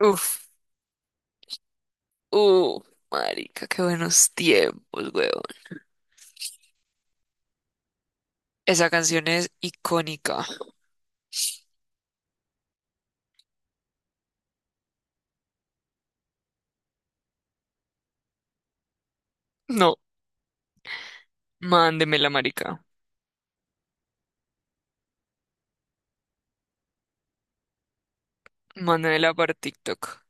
Uf, uh, marica, qué buenos tiempos, weón. Esa canción es icónica. No, mándemela, marica. Mándemela para TikTok.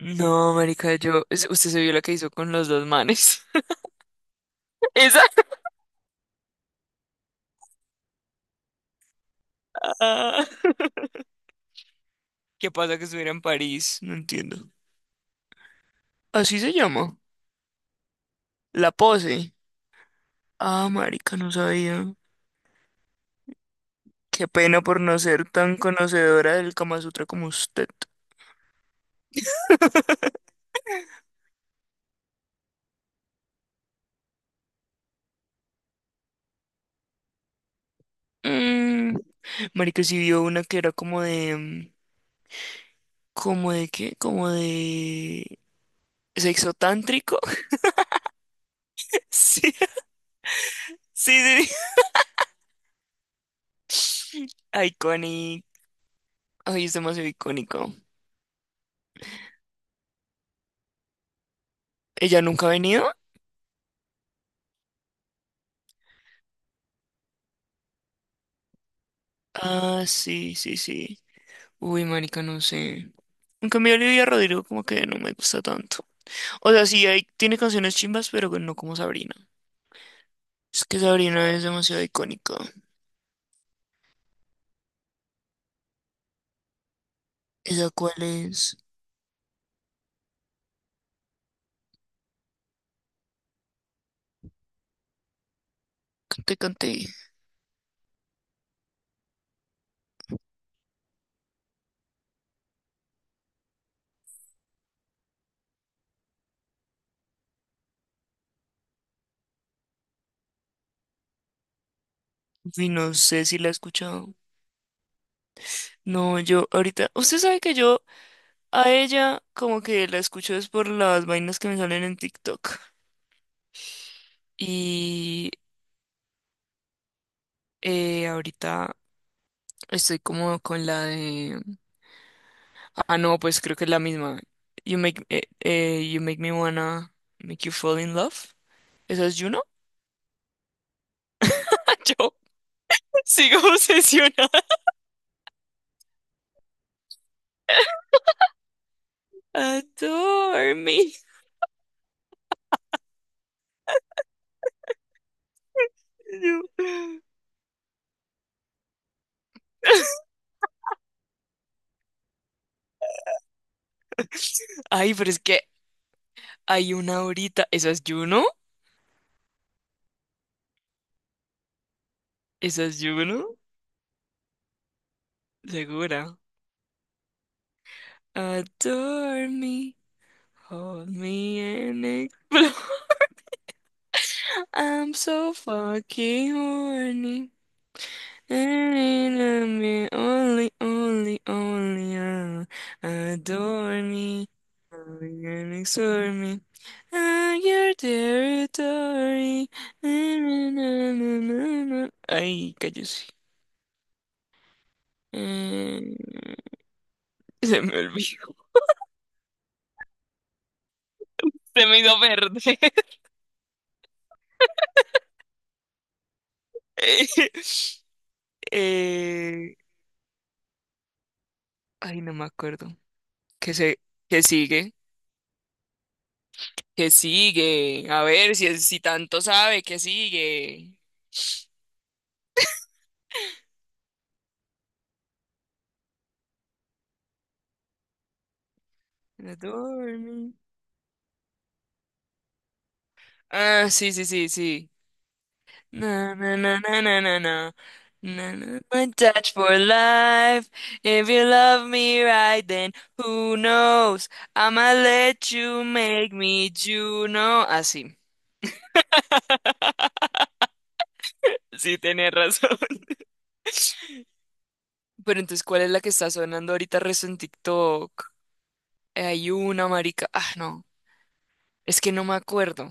No, marica, yo... es- Usted se vio la que hizo con los dos manes. Esa. Ah. ¿Qué pasa que estuviera en París? No entiendo. Así se llama. La pose. Ah, marica, no sabía. Qué pena por no ser tan conocedora del Kama Sutra como usted. Mm, marica, sí vio una que era como de... ¿Como de qué? ¿Como de sexo tántrico? Sí, sí, sí. Iconic. Ay, es demasiado icónico. ¿Ella nunca ha venido? Ah, sí, sí, sí. Uy, marica, no sé. En cambio, Olivia Rodrigo como que no me gusta tanto. O sea, sí, hay, tiene canciones chimbas, pero no como Sabrina. Es que Sabrina es demasiado icónica. ¿Esa cuál es? Cante, cante. Uy, no sé si la he escuchado. No, yo ahorita... Usted sabe que yo, a ella como que la escucho es por las vainas que me salen en TikTok. Y ahorita estoy como con la de... Ah, no, pues creo que es la misma. You make me wanna make you fall in love. ¿Esa es Juno? Ah, yo sigo obsesionada. Adore me. No. Ay, pero es que hay una ahorita. ¿Esa es Juno? ¿Esa es Juno? Segura. Adore me. Hold me and explode. I'm so fucking horny. And me only, only, only, adore me. Only and explore me. I'm your territory. Na, na, na, na, na. Ay, cállese. Eh, se me olvidó. Se me hizo verde. Eh, ay, no me acuerdo. Que se, que sigue, que sigue. A ver si, si tanto sabe, que sigue. Adorme. Ah, sí, sí, sí, sí. Na, na, na, na, na, na, na. Na, na, my touch for life. If you love me right, then who knows? I'ma let you make me Juno. Así. Sí, tenés razón. Pero entonces, ¿cuál es la que está sonando ahorita rezo en TikTok? Hay una marica. Ah, no. Es que no me acuerdo.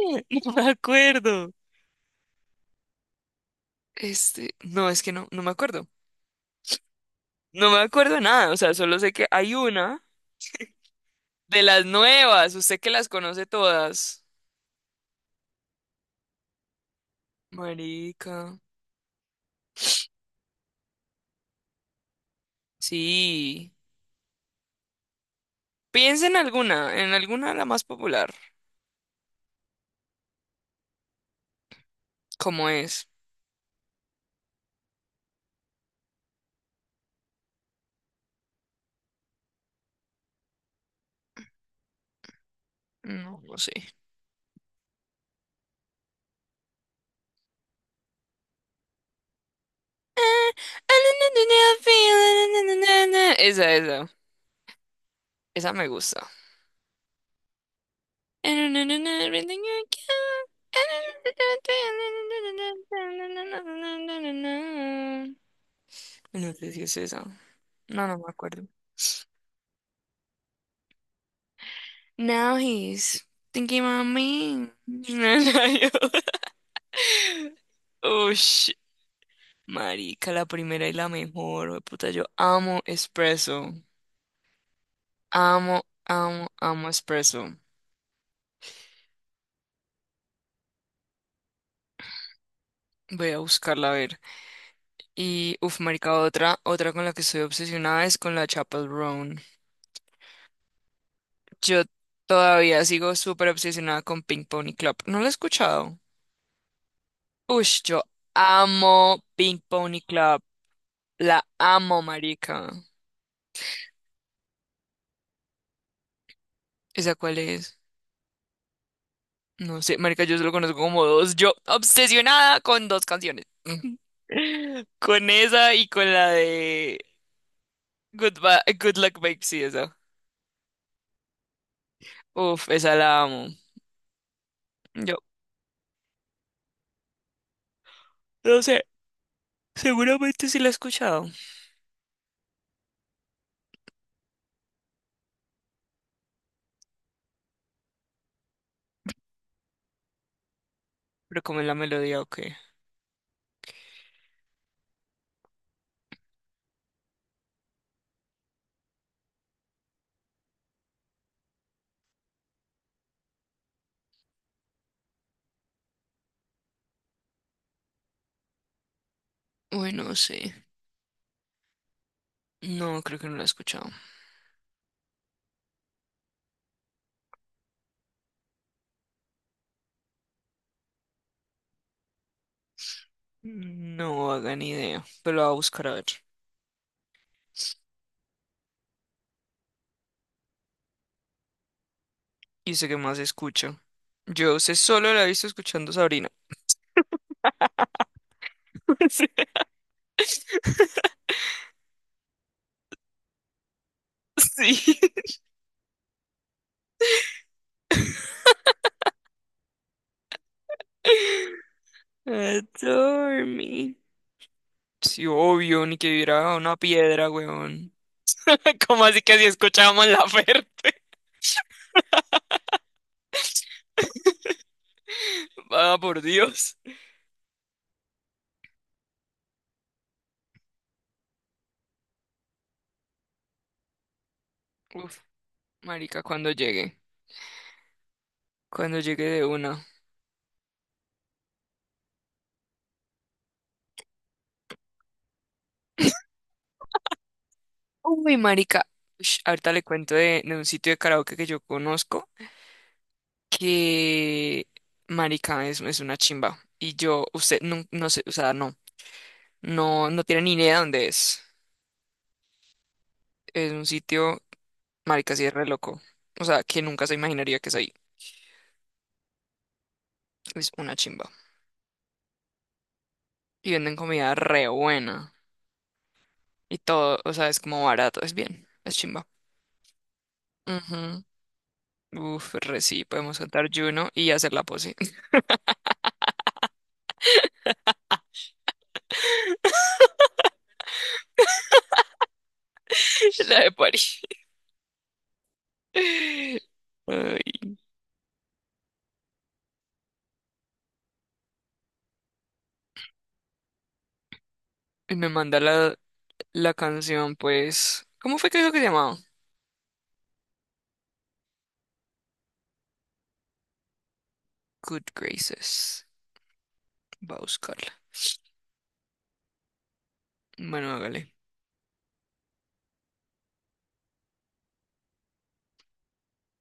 No me acuerdo. Este, no, es que no me acuerdo. No me acuerdo de nada, o sea, solo sé que hay una de las nuevas, usted que las conoce todas. Marica. Sí. Piensa en alguna la más popular. ¿Cómo es? No, no sé. Esa, esa. Esa me gusta. No sé si es esa. No, no me acuerdo. Now he's thinking about me. And I- oh, shit. Marica, la primera y la mejor. Oh, puta, yo amo espresso. Amo, amo, amo espresso. Voy a buscarla a ver. Y, uff, marica, otra, otra con la que estoy obsesionada es con la Chapel Roan. Yo todavía sigo súper obsesionada con Pink Pony Club. ¿No la he escuchado? Ush, yo amo Pink Pony Club. La amo, marica. ¿Esa cuál es? No sé, marica, yo solo conozco como dos. Yo obsesionada con dos canciones. Con esa y con la de Good, Ba- Good Luck Babe, sí, esa. Uf, esa la amo. Yo no sé, seguramente sí la he escuchado. Pero como es la melodía o qué. Uy, no sé. No, creo que no la he escuchado. No hagan idea, pero la voy a buscar a ver. Y sé que más escucho. Yo sé, solo la he visto escuchando Sabrina. Sí. Adore me. Sí, obvio, ni que viera una piedra, weón. ¿Cómo así que si escuchábamos la oferta? Va, por Dios. Uf, marica, cuando llegue. Cuando llegue de una. Uy, marica. Ush, ahorita le cuento de un sitio de karaoke que yo conozco que, marica, es una chimba. Y yo, usted, no, no sé, o sea, no. No, no tiene ni idea de dónde es. Es un sitio, marica, sí es re loco. O sea, que nunca se imaginaría que es ahí. Es una chimba. Y venden comida re buena. Y todo, o sea, es como barato, es bien, es chimba. Ujú. Uf, re sí, podemos cantar Juno y hacer la pose. La de París. Ay, y me manda la, la canción, pues. ¿Cómo fue que dijo que se llamaba? Good Graces. Va a buscarla. Bueno, hágale.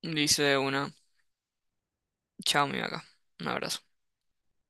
Dice una. Chao, mi vaga. Un abrazo.